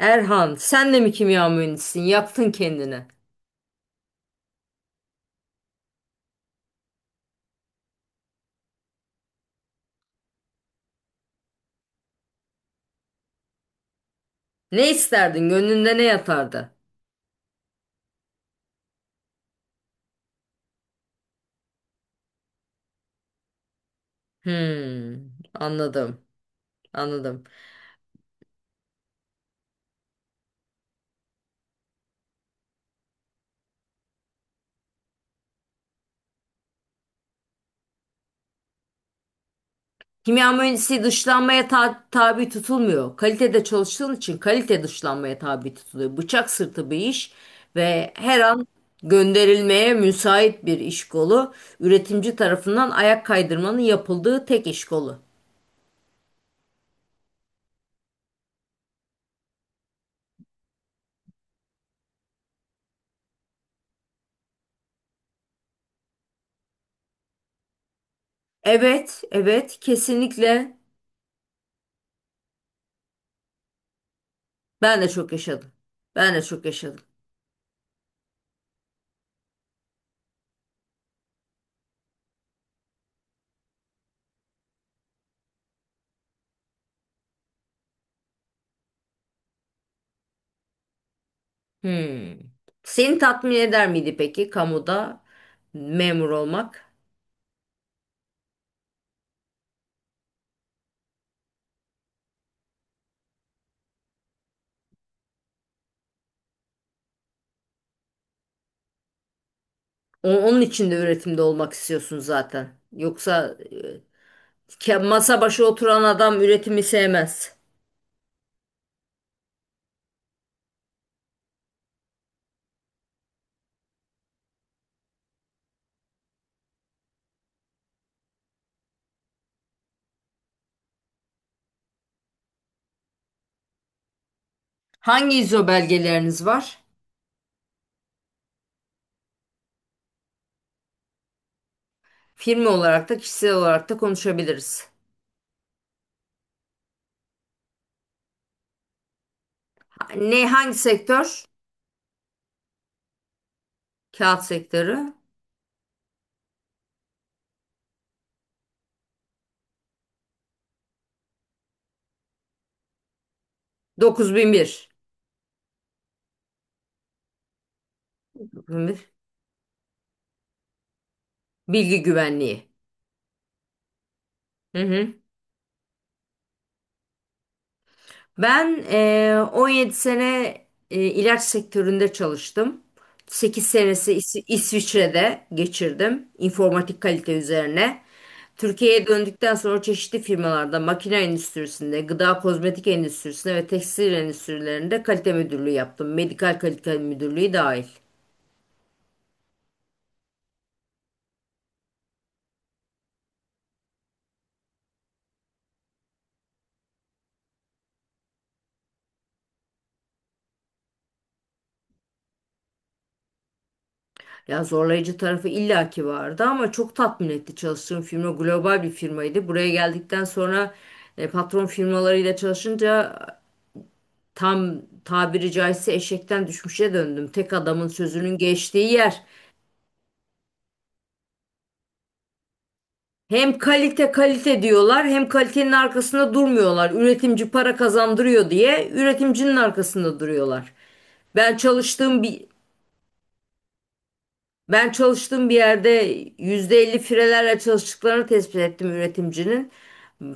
Erhan, sen de mi kimya mühendisisin? Yaptın kendini. Ne isterdin? Gönlünde ne yatardı? Hmm, anladım, anladım. Kimya mühendisi dışlanmaya tabi tutulmuyor. Kalitede çalıştığın için kalite dışlanmaya tabi tutuluyor. Bıçak sırtı bir iş ve her an gönderilmeye müsait bir iş kolu. Üretimci tarafından ayak kaydırmanın yapıldığı tek iş kolu. Evet, evet, kesinlikle ben de çok yaşadım. Ben de çok yaşadım. Hmm. Seni tatmin eder miydi peki kamuda memur olmak? Onun için de üretimde olmak istiyorsun zaten. Yoksa masa başı oturan adam üretimi sevmez. Hangi ISO belgeleriniz var? Firma olarak da kişisel olarak da konuşabiliriz. Ne hangi sektör? Kağıt sektörü. 9001. 9001. Bilgi güvenliği. Hı hı. Ben 17 sene ilaç sektöründe çalıştım. 8 senesi İsviçre'de geçirdim informatik kalite üzerine. Türkiye'ye döndükten sonra çeşitli firmalarda makine endüstrisinde, gıda kozmetik endüstrisinde ve tekstil endüstrilerinde kalite müdürlüğü yaptım. Medikal kalite müdürlüğü dahil. Ya zorlayıcı tarafı illaki vardı ama çok tatmin etti, çalıştığım firma global bir firmaydı. Buraya geldikten sonra patron firmalarıyla çalışınca tam tabiri caizse eşekten düşmüşe döndüm. Tek adamın sözünün geçtiği yer. Hem kalite kalite diyorlar, hem kalitenin arkasında durmuyorlar. Üretimci para kazandırıyor diye üretimcinin arkasında duruyorlar. Ben çalıştığım bir Ben çalıştığım bir yerde %50 firelerle çalıştıklarını tespit ettim üretimcinin.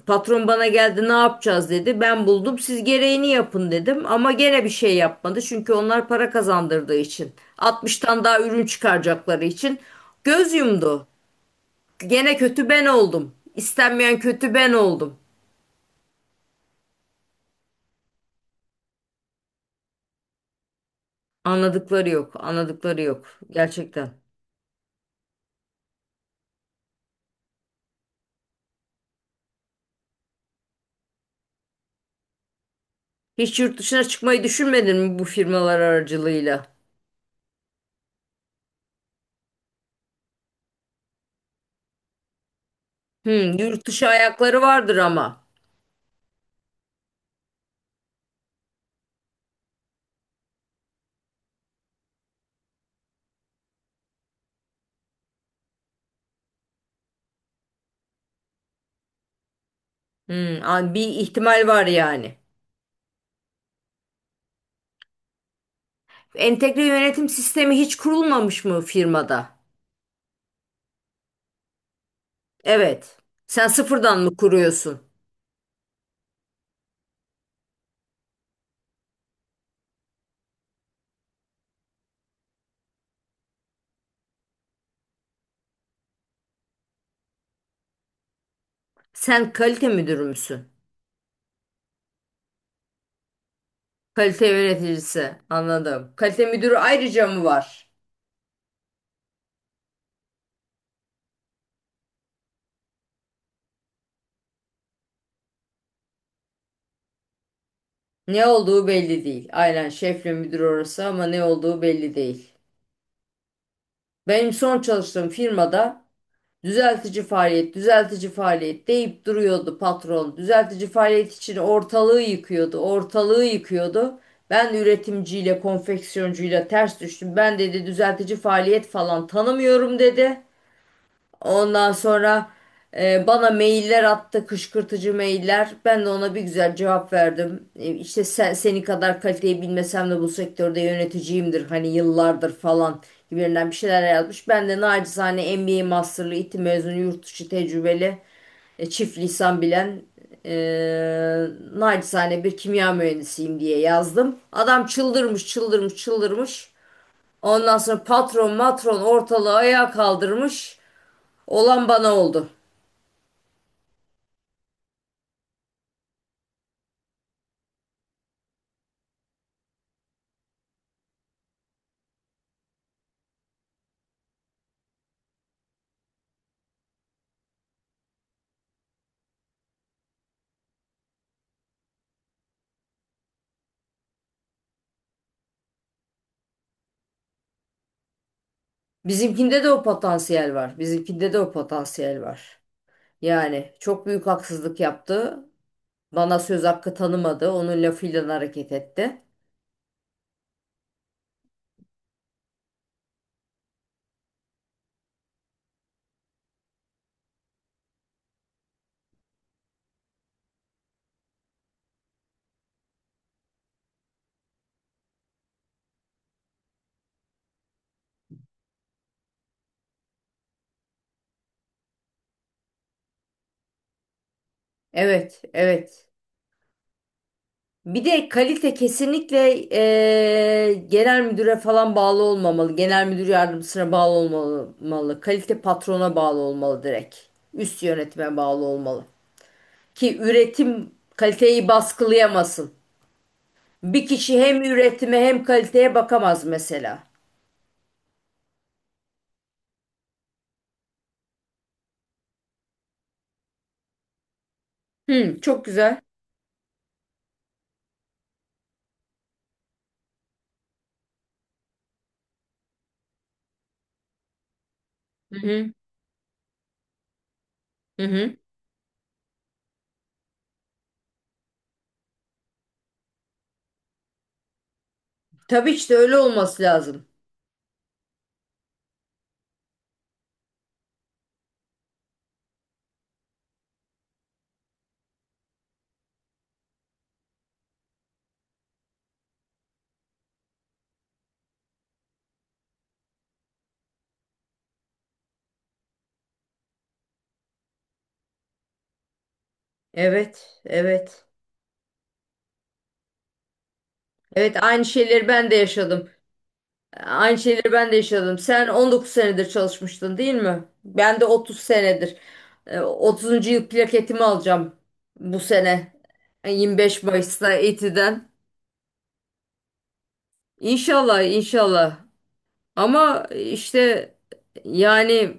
Patron bana geldi, ne yapacağız dedi. Ben buldum, siz gereğini yapın dedim. Ama gene bir şey yapmadı. Çünkü onlar para kazandırdığı için, 60'tan daha ürün çıkaracakları için. Göz yumdu. Gene kötü ben oldum. İstenmeyen kötü ben oldum. Anladıkları yok. Anladıkları yok. Gerçekten. Hiç yurt dışına çıkmayı düşünmedin mi bu firmalar aracılığıyla? Hmm, yurt dışı ayakları vardır ama. Hmm, bir ihtimal var yani. Entegre yönetim sistemi hiç kurulmamış mı firmada? Evet. Sen sıfırdan mı kuruyorsun? Sen kalite müdürü müsün? Kalite yöneticisi. Anladım. Kalite müdürü ayrıca mı var? Ne olduğu belli değil. Aynen şefle müdür orası, ama ne olduğu belli değil. Benim son çalıştığım firmada düzeltici faaliyet, düzeltici faaliyet deyip duruyordu patron. Düzeltici faaliyet için ortalığı yıkıyordu, ortalığı yıkıyordu. Ben üretimciyle, konfeksiyoncuyla ters düştüm. Ben dedi düzeltici faaliyet falan tanımıyorum dedi. Ondan sonra bana mailler attı, kışkırtıcı mailler. Ben de ona bir güzel cevap verdim. E, işte sen, seni kadar kaliteyi bilmesem de bu sektörde yöneticiyimdir. Hani yıllardır falan gibilerinden bir şeyler yazmış. Ben de nacizane MBA masterlı, İTÜ mezunu, yurt dışı tecrübeli, çift lisan bilen, e, nacizane bir kimya mühendisiyim diye yazdım. Adam çıldırmış, çıldırmış, çıldırmış. Ondan sonra patron matron ortalığı ayağa kaldırmış. Olan bana oldu. Bizimkinde de o potansiyel var. Bizimkinde de o potansiyel var. Yani çok büyük haksızlık yaptı. Bana söz hakkı tanımadı. Onun lafıyla hareket etti. Evet, evet. Bir de kalite kesinlikle genel müdüre falan bağlı olmamalı. Genel müdür yardımcısına bağlı olmalı. Kalite patrona bağlı olmalı direkt. Üst yönetime bağlı olmalı. Ki üretim kaliteyi baskılayamasın. Bir kişi hem üretime hem kaliteye bakamaz mesela. Hı, çok güzel. Hı hı, hı hı. Tabii işte öyle olması lazım. Evet, evet. Evet, aynı şeyleri ben de yaşadım. Aynı şeyleri ben de yaşadım. Sen 19 senedir çalışmıştın değil mi? Ben de 30 senedir. 30. yıl plaketimi alacağım bu sene. E, 25 Mayıs'ta İTÜ'den. İnşallah, inşallah. Ama işte yani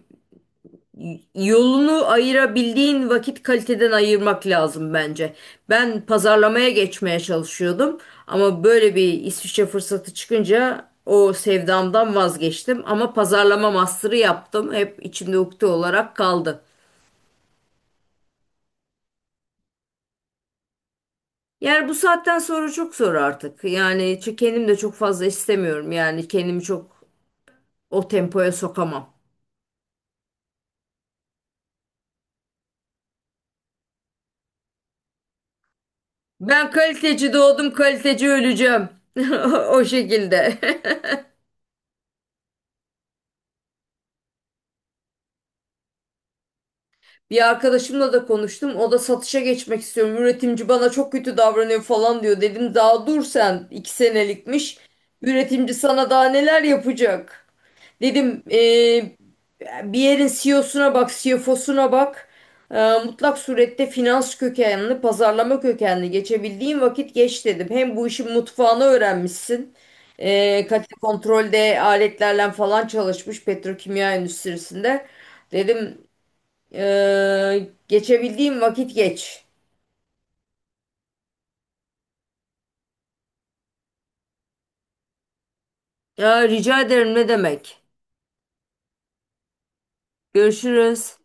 yolunu ayırabildiğin vakit kaliteden ayırmak lazım bence. Ben pazarlamaya geçmeye çalışıyordum, ama böyle bir İsviçre fırsatı çıkınca o sevdamdan vazgeçtim, ama pazarlama master'ı yaptım. Hep içimde ukde olarak kaldı. Yani bu saatten sonra çok zor artık. Yani çünkü kendim de çok fazla istemiyorum. Yani kendimi çok o tempoya sokamam. Ben kaliteci doğdum, kaliteci öleceğim. O şekilde. Bir arkadaşımla da konuştum. O da satışa geçmek istiyorum, üretimci bana çok kötü davranıyor falan diyor. Dedim daha dur sen, 2 senelikmiş. Üretimci sana daha neler yapacak? Dedim bir yerin CEO'suna bak, CFO'suna bak. Mutlak surette finans kökenli, pazarlama kökenli geçebildiğin vakit geç dedim. Hem bu işin mutfağını öğrenmişsin. Kalite kontrolde aletlerle falan çalışmış petrokimya endüstrisinde. Dedim geçebildiğim vakit geç. Ya rica ederim, ne demek. Görüşürüz.